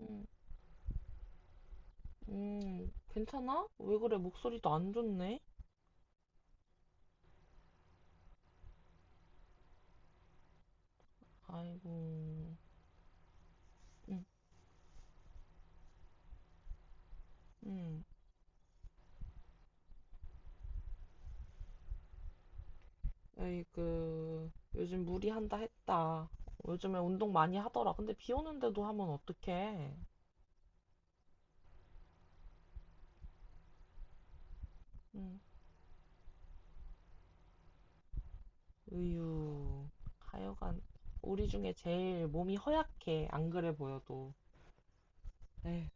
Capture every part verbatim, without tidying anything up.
음, 음, 괜찮아? 왜 그래? 목소리도 안 좋네? 아이고, 음, 음, 에이그, 요즘 무리한다 했다. 요즘에 운동 많이 하더라. 근데 비 오는데도 하면 어떡해? 음, 으유, 하여간, 우리 중에 제일 몸이 허약해. 안 그래 보여도. 에휴,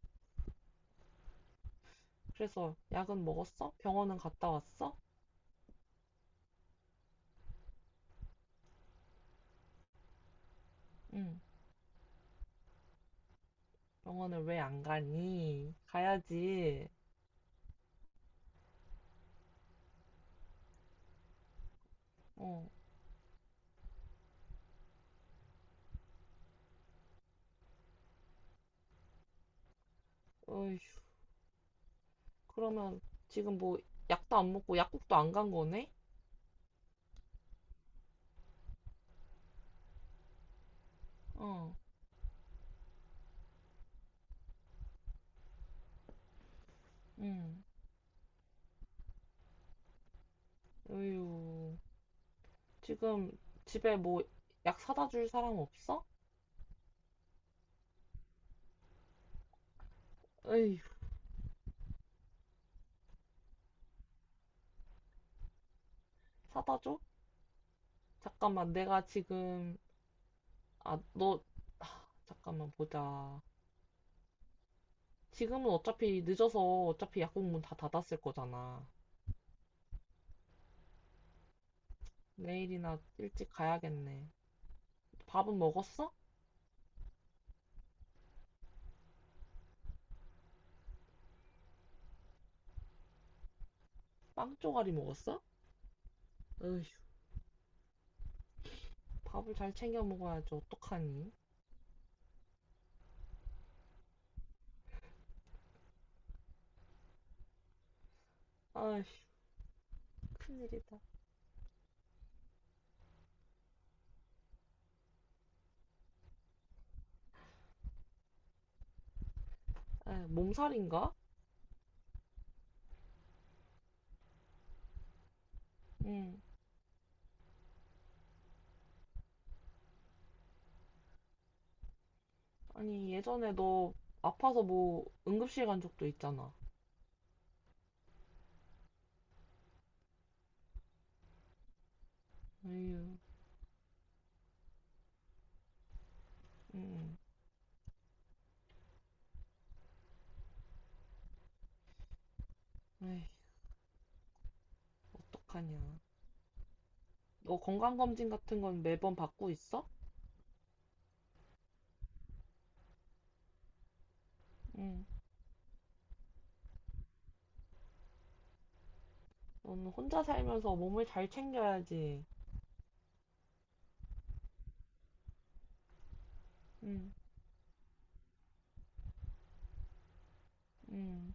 그래서 약은 먹었어? 병원은 갔다 왔어? 응, 병원을 왜 안 가니? 가야지. 어, 어휴. 그러면 지금 뭐 약도 안 먹고 약국도 안 간 거네? 어, 응. 어휴, 지금 집에 뭐 약 사다 줄 사람 없어? 어휴, 사다 줘? 잠깐만, 내가 지금, 아, 너, 잠깐만 보자. 지금은 어차피 늦어서 어차피 약국 문 다 닫았을 거잖아. 내일이나 일찍 가야겠네. 밥은 먹었어? 빵 조가리 먹었어? 어휴, 밥을 잘 챙겨 먹어야지, 어떡하니? 아휴, 큰일이다. 아, 몸살인가? 응. 아니, 예전에 너 아파서 뭐 응급실 간 적도 있잖아. 에휴, 응, 에이, 어떡하냐. 너 건강검진 같은 건 매번 받고 있어? 응, 너는 혼자 살면서 몸을 잘 챙겨야지. 응, 응,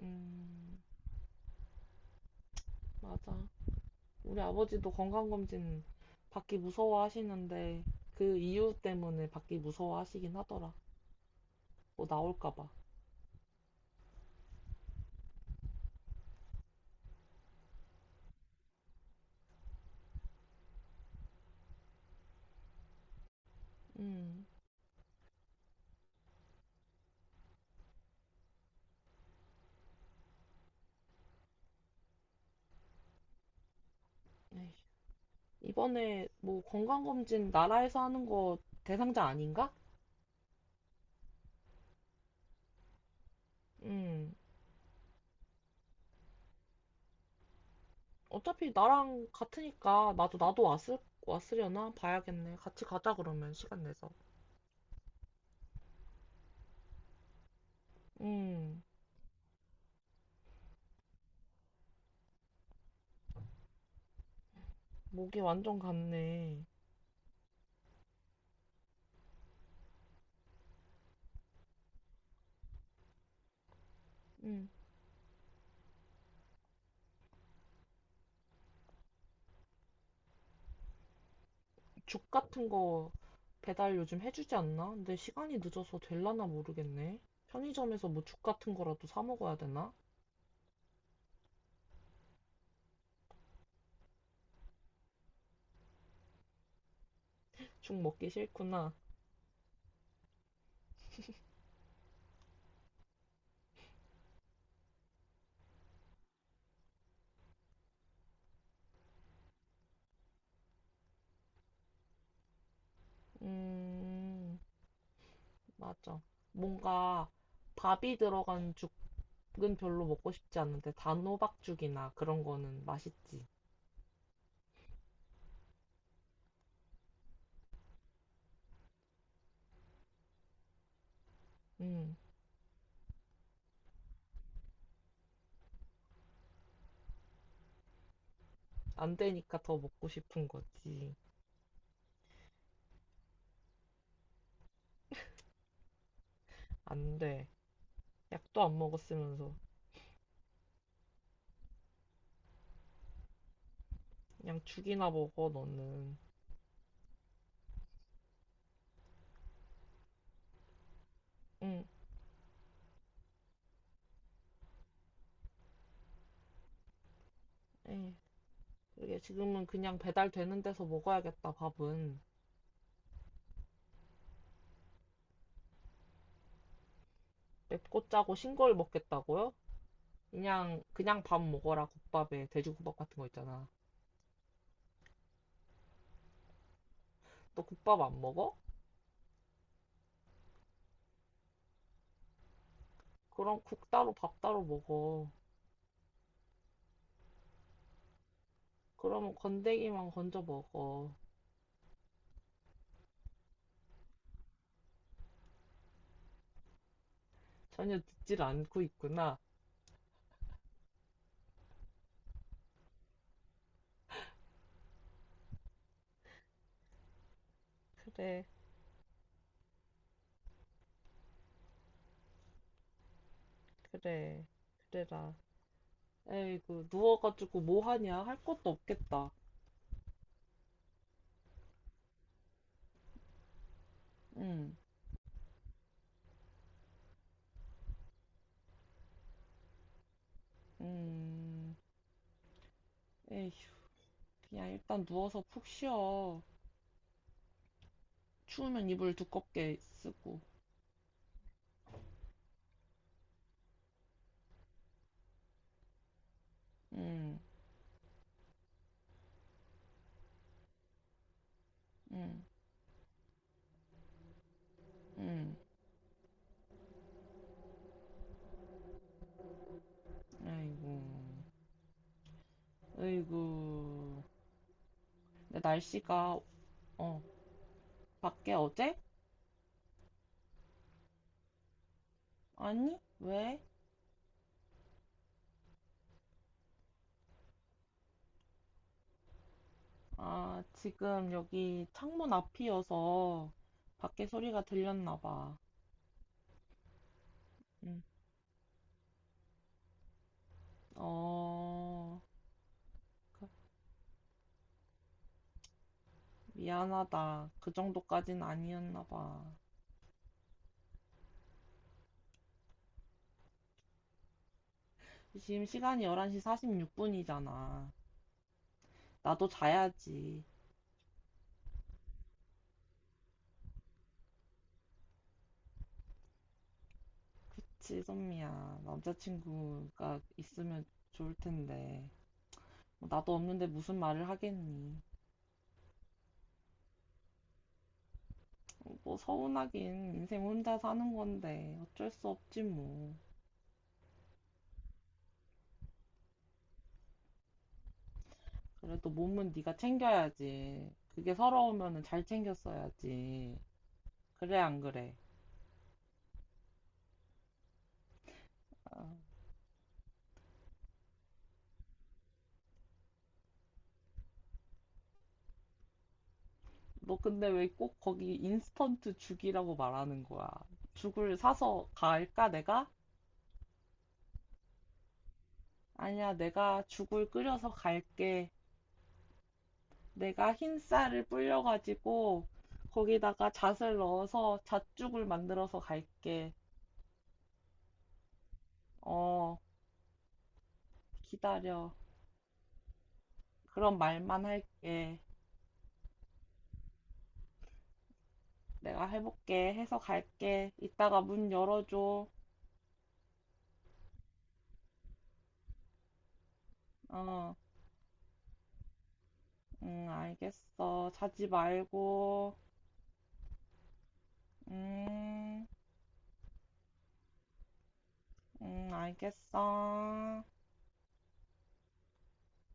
응, 맞아. 우리 아버지도 건강검진 받기 무서워하시는데 그 이유 때문에 받기 무서워하시긴 하더라. 뭐 나올까 봐. 응, 에이, 이번에 뭐 건강검진 나라에서 하는 거 대상자 아닌가? 음. 어차피 나랑 같으니까 나도 나도 왔을 왔으려나 봐야겠네. 같이 가자 그러면 시간 내서. 음. 목이 완전 갔네. 음. 죽 같은 거 배달 요즘 해주지 않나? 근데 시간이 늦어서 될라나 모르겠네. 편의점에서 뭐 죽 같은 거라도 사 먹어야 되나? 죽 먹기 싫구나. 음. 맞아. 뭔가 밥이 들어간 죽은 별로 먹고 싶지 않은데 단호박죽이나 그런 거는 맛있지. 음. 안 되니까 더 먹고 싶은 거지. 안 돼. 약도 안 먹었으면서. 그냥 죽이나 먹어, 너는. 응, 에이. 그러게 지금은 그냥 배달되는 데서 먹어야겠다, 밥은. 맵고 짜고 싱거울 먹겠다고요? 그냥, 그냥 밥 먹어라, 국밥에. 돼지국밥 같은 거 있잖아. 너 국밥 안 먹어? 그럼 국 따로 밥 따로 먹어. 그러면 건더기만 건져 먹어. 전혀 듣질 않고 있구나. 그래, 그래, 그래라. 에이그 누워가지고 뭐 하냐? 할 것도 없겠다. 응, 음, 에이, 그냥 일단 누워서 푹 쉬어. 추우면 이불 두껍게 쓰고. 응, 응, 응, 에이구, 에이구. 근데 날씨가, 어, 밖에 어제? 아니, 왜? 아, 지금 여기 창문 앞이어서 밖에 소리가 들렸나 봐. 응, 어, 그- 미안하다. 그 정도까진 아니었나 봐. 지금 시간이 열한 시 사십육 분이잖아. 나도 자야지. 그치, 선미야. 남자친구가 있으면 좋을 텐데. 뭐 나도 없는데 무슨 말을 하겠니? 뭐 서운하긴 인생 혼자 사는 건데 어쩔 수 없지 뭐. 그래도 몸은 네가 챙겨야지. 그게 서러우면은 잘 챙겼어야지. 그래, 안 그래? 아, 너 근데 왜 꼭 거기 인스턴트 죽이라고 말하는 거야? 죽을 사서 갈까, 내가? 아니야, 내가 죽을 끓여서 갈게. 내가 흰 쌀을 불려가지고 거기다가 잣을 넣어서 잣죽을 만들어서 갈게. 어, 기다려. 그런 말만 할게. 내가 해볼게. 해서 갈게. 이따가 문 열어줘. 어, 응, 알겠어. 자지 말고. 음, 음, 알겠어.